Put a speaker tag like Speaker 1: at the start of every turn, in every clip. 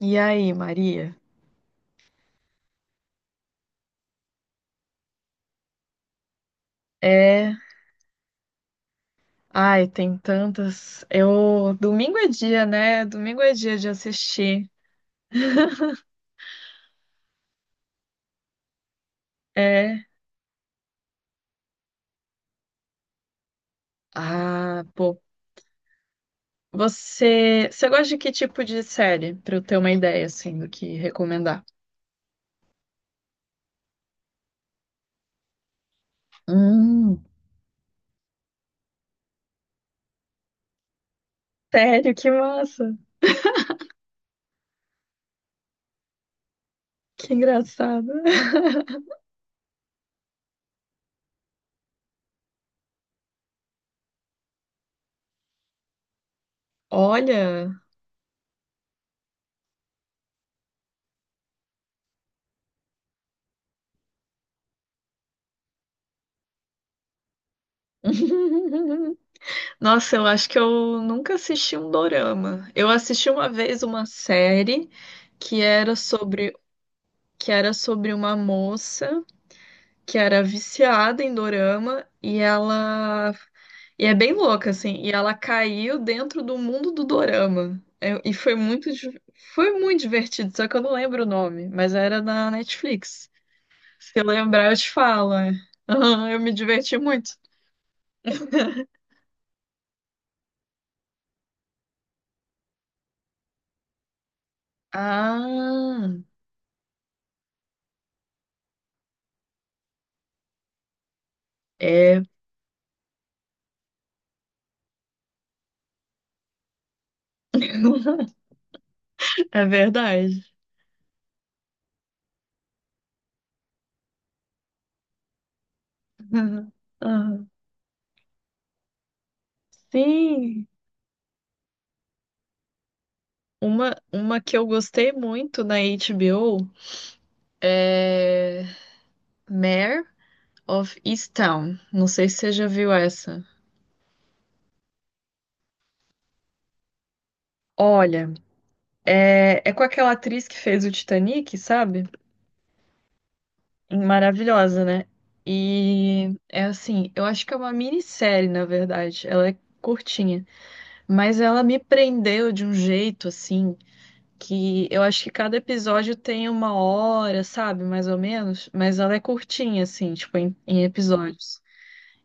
Speaker 1: E aí, Maria? É. Ai, tem tantas. Eu. Domingo é dia, né? Domingo é dia de assistir. É. Ah, pô. Você gosta de que tipo de série? Pra eu ter uma ideia, assim, do que recomendar. Hum. Sério, que massa. Que engraçado. Olha. Nossa, eu acho que eu nunca assisti um dorama. Eu assisti uma vez uma série que era sobre. Que era sobre uma moça. Que era viciada em dorama e ela e é bem louca assim, e ela caiu dentro do mundo do dorama. É, e foi foi muito divertido, só que eu não lembro o nome, mas era na Netflix. Se eu lembrar, eu te falo. É. Eu me diverti muito. Ah, é, é verdade. Aham. Sim, uma que eu gostei muito na HBO é Mare of Easttown. Não sei se você já viu essa. Olha, é com aquela atriz que fez o Titanic, sabe? Maravilhosa, né? E é assim, eu acho que é uma minissérie, na verdade. Ela é curtinha, mas ela me prendeu de um jeito assim que eu acho que cada episódio tem uma hora, sabe? Mais ou menos, mas ela é curtinha assim, tipo em episódios.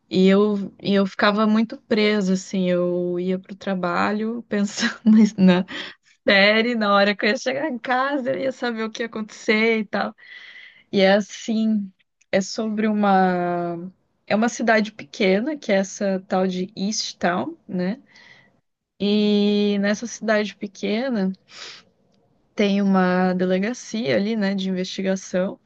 Speaker 1: E eu, e eu ficava muito presa, assim, eu ia pro trabalho pensando na série, na hora que eu ia chegar em casa, eu ia saber o que ia acontecer e tal. E é assim, é sobre uma. É uma cidade pequena, que é essa tal de East Town, né? E nessa cidade pequena tem uma delegacia ali, né, de investigação.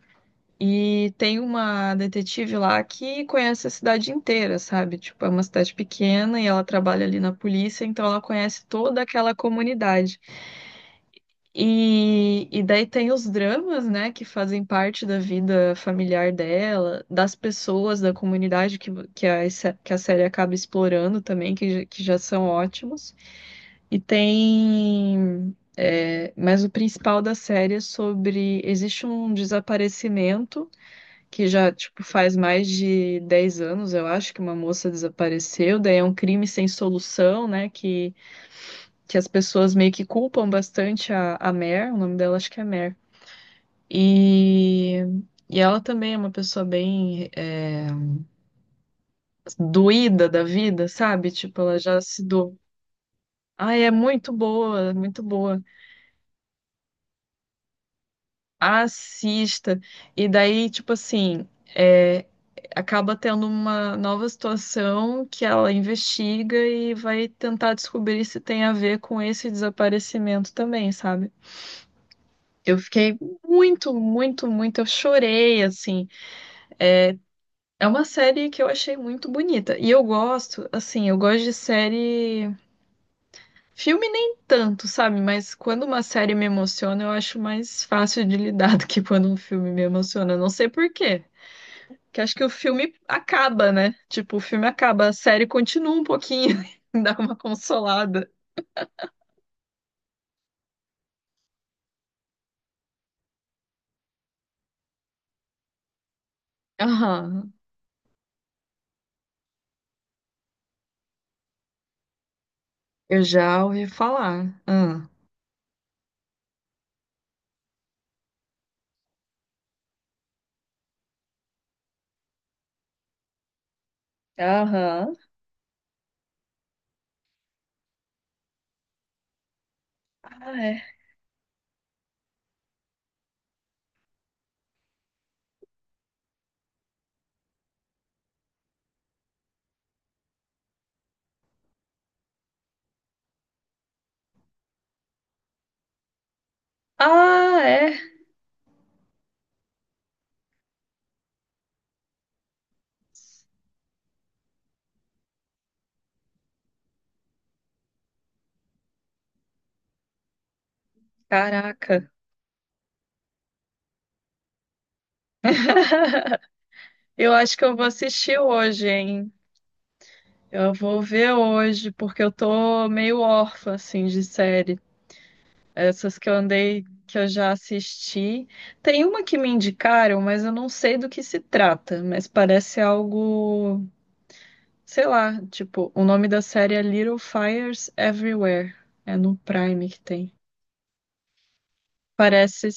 Speaker 1: E tem uma detetive lá que conhece a cidade inteira, sabe? Tipo, é uma cidade pequena e ela trabalha ali na polícia, então ela conhece toda aquela comunidade. E daí tem os dramas, né, que fazem parte da vida familiar dela, das pessoas da comunidade que, a, se- que a série acaba explorando também, que já são ótimos. E tem. É, mas o principal da série é sobre. Existe um desaparecimento que já, tipo, faz mais de 10 anos, eu acho, que uma moça desapareceu. Daí é um crime sem solução, né, que as pessoas meio que culpam bastante a Mer, o nome dela acho que é Mer e, e ela também é uma pessoa bem é, doída da vida, sabe? Tipo, ela já se doou. Ai, é muito boa, é muito boa. Assista. E daí, tipo assim, é, acaba tendo uma nova situação que ela investiga e vai tentar descobrir se tem a ver com esse desaparecimento também, sabe? Eu fiquei muito, muito, muito. Eu chorei, assim. É uma série que eu achei muito bonita. E eu gosto, assim, eu gosto de série. Filme nem tanto, sabe? Mas quando uma série me emociona, eu acho mais fácil de lidar do que quando um filme me emociona. Eu não sei por quê. Porque acho que o filme acaba, né? Tipo, o filme acaba, a série continua um pouquinho, dá uma consolada. Aham. Eu já ouvi falar. Ah. Aham. Ah, é. Ah, é. Caraca. Eu acho que eu vou assistir hoje, hein? Eu vou ver hoje, porque eu tô meio órfã, assim, de série. Essas que eu andei, que eu já assisti. Tem uma que me indicaram, mas eu não sei do que se trata. Mas parece algo, sei lá, tipo, o nome da série é Little Fires Everywhere. É no Prime que tem. Parece,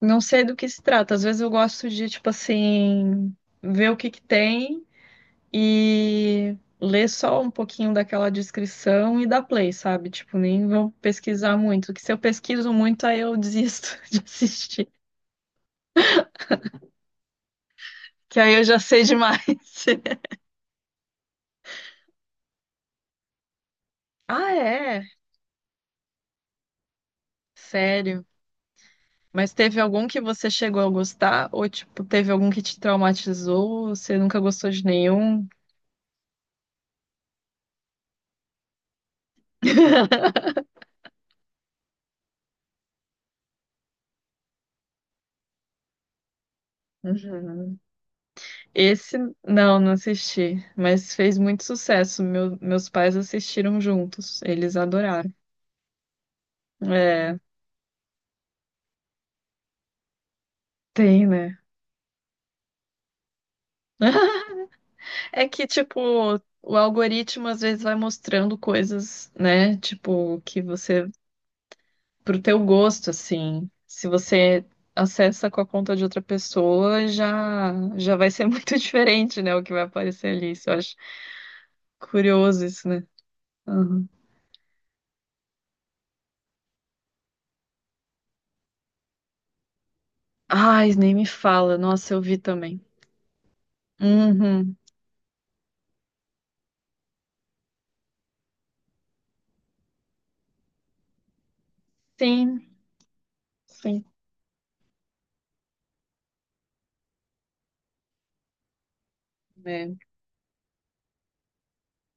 Speaker 1: não sei do que se trata. Às vezes eu gosto de, tipo assim, ver o que que tem e ler só um pouquinho daquela descrição e dar play, sabe? Tipo, nem vou pesquisar muito, que se eu pesquiso muito, aí eu desisto de assistir, que aí eu já sei demais. Ah, é? Sério? Mas teve algum que você chegou a gostar? Ou, tipo, teve algum que te traumatizou? Você nunca gostou de nenhum? Uhum. Esse, não, não assisti. Mas fez muito sucesso. Meus pais assistiram juntos. Eles adoraram. É, tem, né? É que, tipo, o algoritmo às vezes vai mostrando coisas, né? Tipo, que você, pro teu gosto, assim, se você acessa com a conta de outra pessoa, já vai ser muito diferente, né? O que vai aparecer ali. Isso eu acho curioso isso, né? Uhum. Ai, nem me fala. Nossa, eu vi também. Uhum. Sim, sim. É,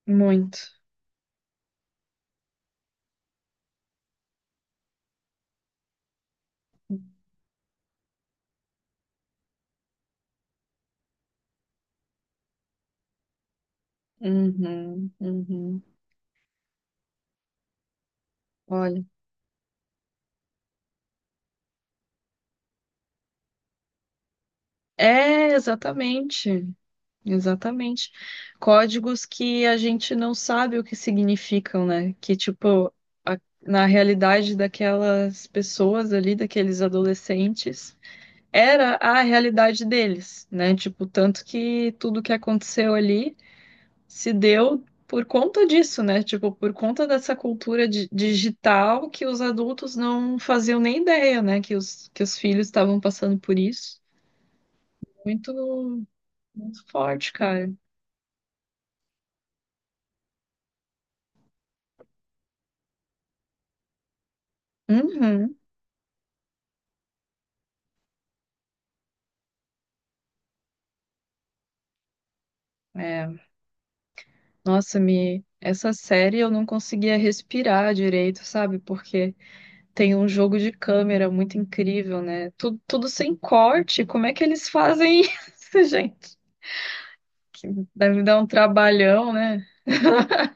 Speaker 1: muito. Uhum, uhum. Olha. É, exatamente. Exatamente. Códigos que a gente não sabe o que significam, né? Que, tipo, na realidade daquelas pessoas ali, daqueles adolescentes, era a realidade deles, né? Tipo, tanto que tudo que aconteceu ali se deu por conta disso, né? Tipo, por conta dessa cultura digital que os adultos não faziam nem ideia, né? Que que os filhos estavam passando por isso. Muito, muito forte, cara. Uhum. É. Nossa, me essa série eu não conseguia respirar direito, sabe? Porque tem um jogo de câmera muito incrível, né? Tudo, tudo sem corte. Como é que eles fazem isso, gente? Deve dar um trabalhão, né?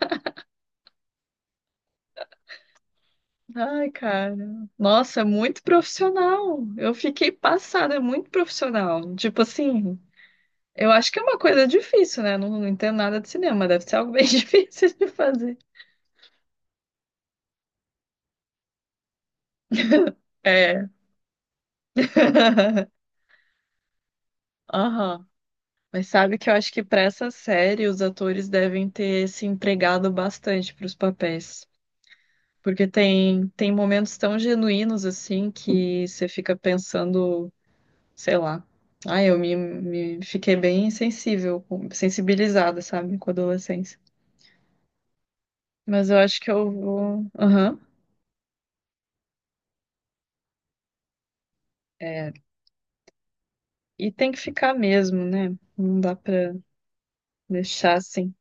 Speaker 1: Ai, cara. Nossa, muito profissional. Eu fiquei passada, é muito profissional. Tipo assim, eu acho que é uma coisa difícil, né? Não, não entendo nada de cinema, deve ser algo bem difícil de fazer. É. Aham. Mas sabe que eu acho que para essa série os atores devem ter se entregado bastante para os papéis. Porque tem, tem momentos tão genuínos assim que você fica pensando, sei lá. Ah, eu me, me fiquei bem sensível, sensibilizada, sabe, com a adolescência. Mas eu acho que eu vou. Aham. E tem que ficar mesmo, né? Não dá pra deixar assim.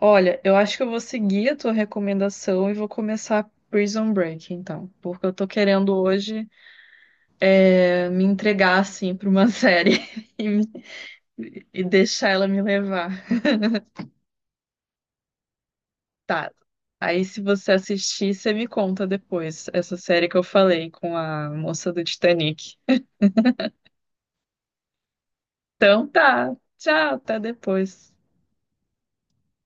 Speaker 1: Olha, eu acho que eu vou seguir a tua recomendação e vou começar Prison Break, então. Porque eu tô querendo hoje me entregar assim para uma série e, me- e deixar ela me levar. Tá. Aí, se você assistir, você me conta depois essa série que eu falei com a moça do Titanic. Então tá. Tchau, até depois.